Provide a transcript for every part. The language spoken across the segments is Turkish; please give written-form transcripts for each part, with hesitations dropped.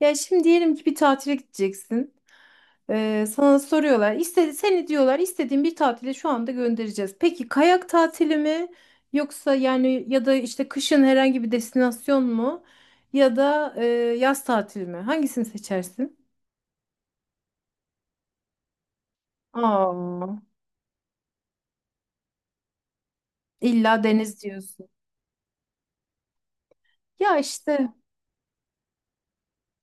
Ya şimdi diyelim ki bir tatile gideceksin. Sana soruyorlar. Seni diyorlar, istediğin bir tatile şu anda göndereceğiz. Peki kayak tatili mi? Yoksa yani ya da işte kışın herhangi bir destinasyon mu? Ya da yaz tatili mi? Hangisini seçersin? Aa, illa deniz diyorsun. Ya işte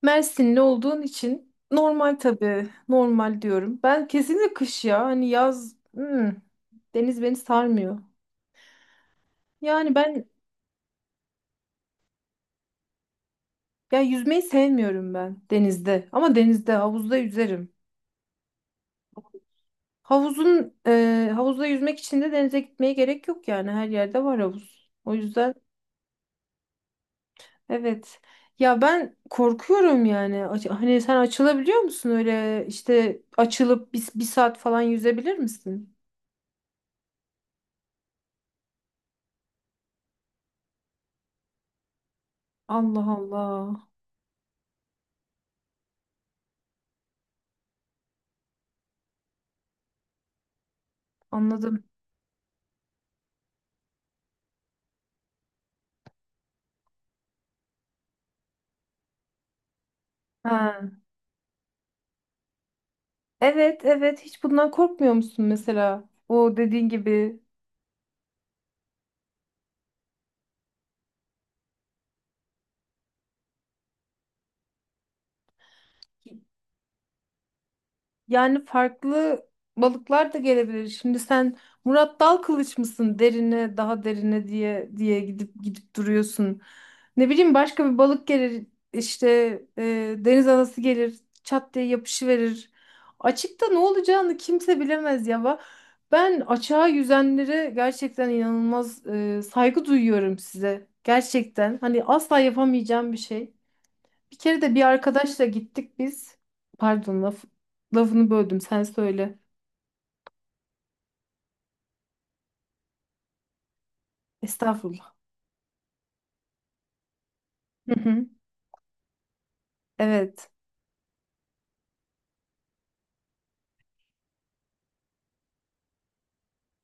Mersinli olduğun için normal tabii. Normal diyorum. Ben kesinlikle kış ya. Hani yaz deniz beni sarmıyor. Yani ben Ya, yüzmeyi sevmiyorum ben denizde. Ama denizde, havuzda yüzerim. Havuzda yüzmek için de denize gitmeye gerek yok yani. Her yerde var havuz. O yüzden evet. Ya ben korkuyorum yani. Hani sen açılabiliyor musun öyle işte açılıp bir saat falan yüzebilir misin? Allah Allah. Anladım. Ha. Evet, evet, hiç bundan korkmuyor musun mesela? O dediğin gibi. Yani farklı balıklar da gelebilir. Şimdi sen Murat Dal kılıç mısın, derine daha derine diye diye gidip gidip duruyorsun. Ne bileyim başka bir balık gelir işte, deniz anası gelir çat diye yapışıverir. Açıkta ne olacağını kimse bilemez ya. Ben açığa yüzenlere gerçekten inanılmaz saygı duyuyorum size. Gerçekten hani asla yapamayacağım bir şey. Bir kere de bir arkadaşla gittik biz. Pardon, lafını böldüm, sen söyle. Estağfurullah. Hı hı. Evet.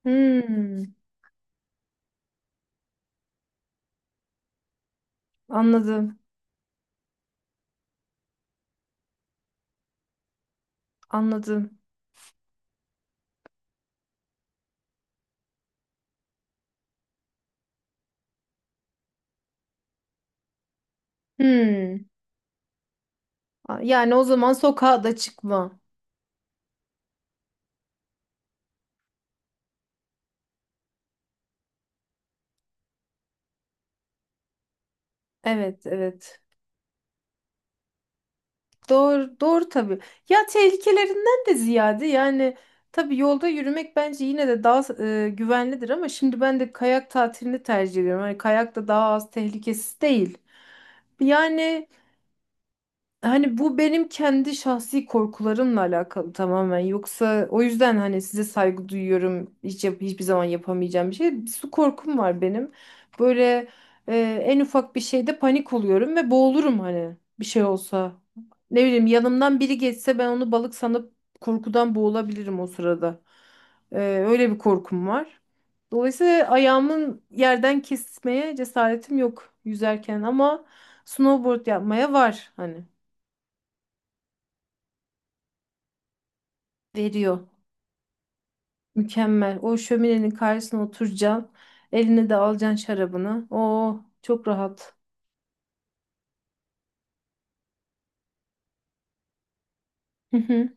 Hmm, Anladım. Anladım. Hmm. Yani o zaman sokağa da çıkma. Evet, evet. Doğru, doğru tabii. Ya tehlikelerinden de ziyade yani, tabii yolda yürümek bence yine de daha güvenlidir, ama şimdi ben de kayak tatilini tercih ediyorum. Hani kayak da daha az tehlikesiz değil. Yani, hani bu benim kendi şahsi korkularımla alakalı tamamen. Yoksa o yüzden hani size saygı duyuyorum. Hiç hiçbir zaman yapamayacağım bir şey. Su korkum var benim. Böyle e, en ufak bir şeyde panik oluyorum ve boğulurum hani bir şey olsa. Ne bileyim yanımdan biri geçse ben onu balık sanıp korkudan boğulabilirim o sırada. E, Öyle bir korkum var. Dolayısıyla ayağımın yerden kesmeye cesaretim yok yüzerken, ama snowboard yapmaya var hani. Veriyor. Mükemmel. O şöminenin karşısına oturacaksın. Eline de alacaksın şarabını. Oo, çok rahat. Hı hı.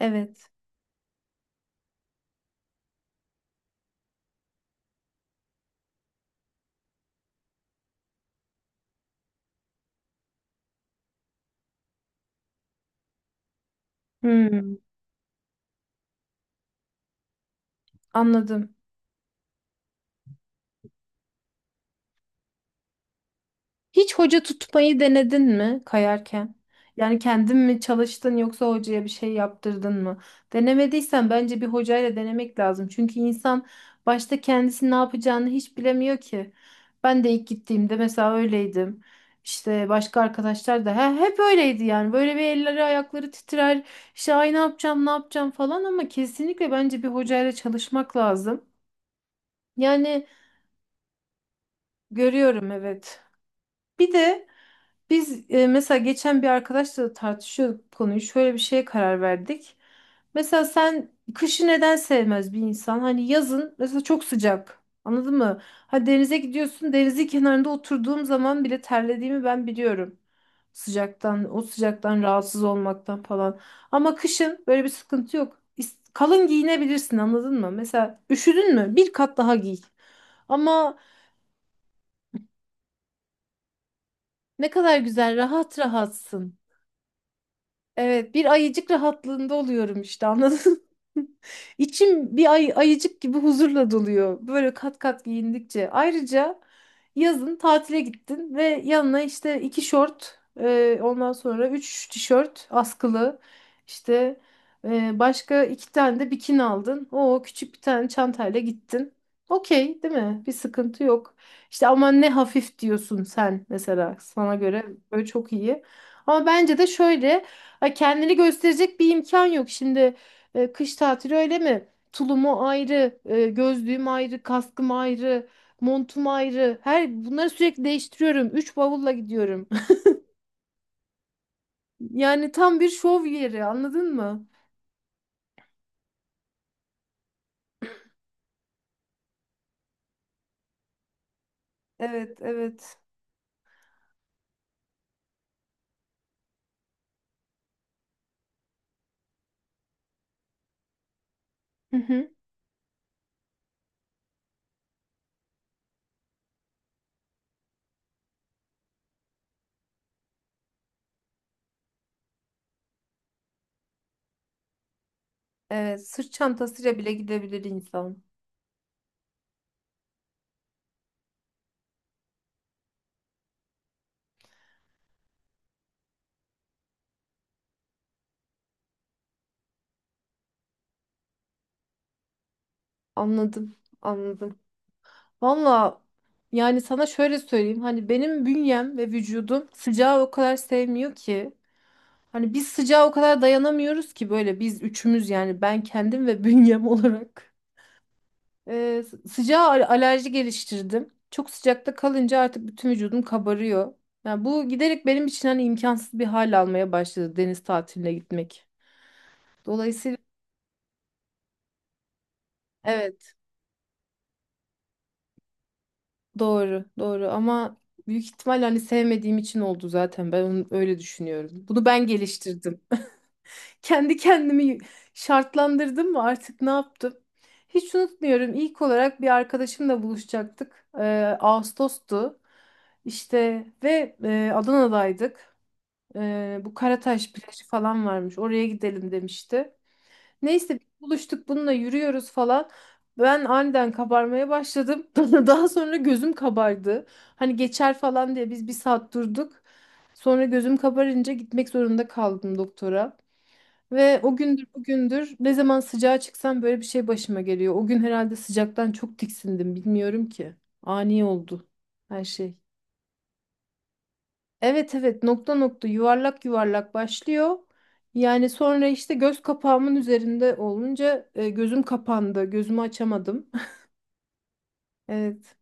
Evet. Hmm, Anladım. Hiç hoca tutmayı denedin mi kayarken? Yani kendin mi çalıştın, yoksa hocaya bir şey yaptırdın mı? Denemediysen bence bir hocayla denemek lazım. Çünkü insan başta kendisi ne yapacağını hiç bilemiyor ki. Ben de ilk gittiğimde mesela öyleydim. İşte başka arkadaşlar da hep öyleydi yani. Böyle bir elleri ayakları titrer. İşte ay ne yapacağım ne yapacağım falan, ama kesinlikle bence bir hocayla çalışmak lazım. Yani görüyorum, evet. Bir de biz mesela geçen bir arkadaşla da tartışıyorduk bu konuyu. Şöyle bir şeye karar verdik. Mesela sen kışı neden sevmez bir insan? Hani yazın mesela çok sıcak. Anladın mı? Ha, denize gidiyorsun. Denizin kenarında oturduğum zaman bile terlediğimi ben biliyorum. Sıcaktan, o sıcaktan rahatsız olmaktan falan. Ama kışın böyle bir sıkıntı yok. Kalın giyinebilirsin, anladın mı? Mesela üşüdün mü? Bir kat daha giy. Ama ne kadar güzel, rahat rahatsın. Evet, bir ayıcık rahatlığında oluyorum işte, anladın mı? İçim bir ayıcık gibi huzurla doluyor, böyle kat kat giyindikçe. Ayrıca yazın tatile gittin ve yanına işte iki şort, ondan sonra üç tişört askılı, işte, başka iki tane de bikini aldın. O küçük bir tane çantayla gittin. Okey, değil mi? Bir sıkıntı yok. İşte aman ne hafif diyorsun, sen mesela sana göre böyle çok iyi. Ama bence de şöyle. Ha, kendini gösterecek bir imkan yok. Şimdi kış tatili öyle mi? Tulumu ayrı, gözlüğüm ayrı, kaskım ayrı, montum ayrı. Her bunları sürekli değiştiriyorum. Üç bavulla gidiyorum. Yani tam bir şov yeri, anladın mı? Evet, evet. Hı hı. Evet, sırt çantasıyla bile gidebilir insan. Anladım, anladım. Valla yani sana şöyle söyleyeyim. Hani benim bünyem ve vücudum sıcağı o kadar sevmiyor ki. Hani biz sıcağa o kadar dayanamıyoruz ki, böyle biz üçümüz yani, ben kendim ve bünyem olarak. Sıcağa alerji geliştirdim. Çok sıcakta kalınca artık bütün vücudum kabarıyor. Yani bu giderek benim için hani imkansız bir hal almaya başladı, deniz tatiline gitmek. Dolayısıyla evet, doğru doğru, ama büyük ihtimal hani sevmediğim için oldu zaten, ben onu öyle düşünüyorum. Bunu ben geliştirdim, kendi kendimi şartlandırdım mı, artık ne yaptım? Hiç unutmuyorum. İlk olarak bir arkadaşımla buluşacaktık. Ağustos'tu. İşte ve Adana'daydık. Bu Karataş plajı falan varmış. Oraya gidelim demişti. Neyse biz buluştuk, bununla yürüyoruz falan. Ben aniden kabarmaya başladım. Daha sonra gözüm kabardı. Hani geçer falan diye biz bir saat durduk. Sonra gözüm kabarınca gitmek zorunda kaldım doktora. Ve o gündür bugündür ne zaman sıcağa çıksam böyle bir şey başıma geliyor. O gün herhalde sıcaktan çok tiksindim, bilmiyorum ki. Ani oldu her şey. Evet, evet, nokta nokta, yuvarlak yuvarlak başlıyor. Yani sonra işte göz kapağımın üzerinde olunca gözüm kapandı. Gözümü açamadım. Evet.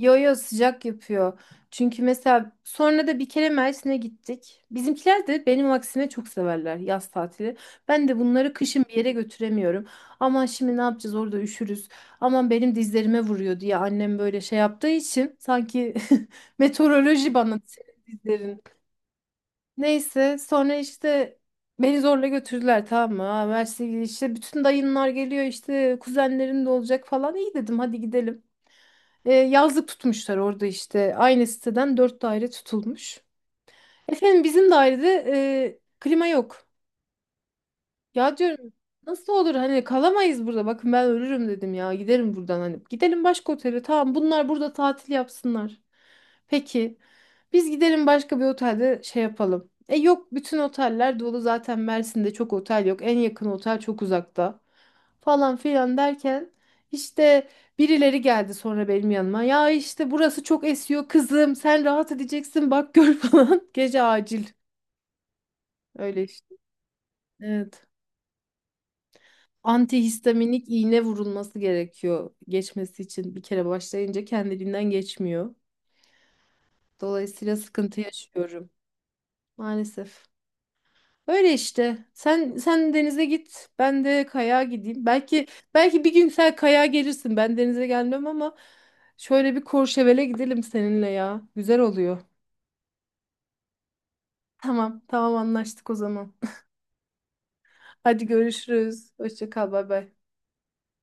Yo, yo, sıcak yapıyor. Çünkü mesela sonra da bir kere Mersin'e gittik. Bizimkiler de benim aksine çok severler yaz tatili. Ben de bunları kışın bir yere götüremiyorum. Aman şimdi ne yapacağız, orada üşürüz. Aman benim dizlerime vuruyor diye annem böyle şey yaptığı için, sanki meteoroloji bana senin dizlerin. Neyse sonra işte beni zorla götürdüler, tamam mı? Ha, Mersin'e gidiyor işte, bütün dayınlar geliyor işte, kuzenlerin de olacak falan. İyi dedim, hadi gidelim. Yazlık tutmuşlar orada işte. Aynı siteden dört daire tutulmuş. Efendim bizim dairede klima yok. Ya diyorum, nasıl olur, hani kalamayız burada. Bakın ben ölürüm dedim ya. Giderim buradan hani. Gidelim başka otele. Tamam, bunlar burada tatil yapsınlar. Peki. Biz gidelim başka bir otelde şey yapalım. E yok, bütün oteller dolu, zaten Mersin'de çok otel yok. En yakın otel çok uzakta. Falan filan derken işte birileri geldi sonra benim yanıma. Ya işte burası çok esiyor kızım. Sen rahat edeceksin bak gör falan. Gece acil. Öyle işte. Evet. Antihistaminik iğne vurulması gerekiyor geçmesi için. Bir kere başlayınca kendiliğinden geçmiyor. Dolayısıyla sıkıntı yaşıyorum maalesef. Öyle işte. Sen denize git, ben de kayağa gideyim. Belki bir gün sen kayağa gelirsin. Ben denize gelmem ama şöyle bir Courchevel'e gidelim seninle ya. Güzel oluyor. Tamam, tamam, anlaştık o zaman. Hadi görüşürüz. Hoşça kal, bay bay.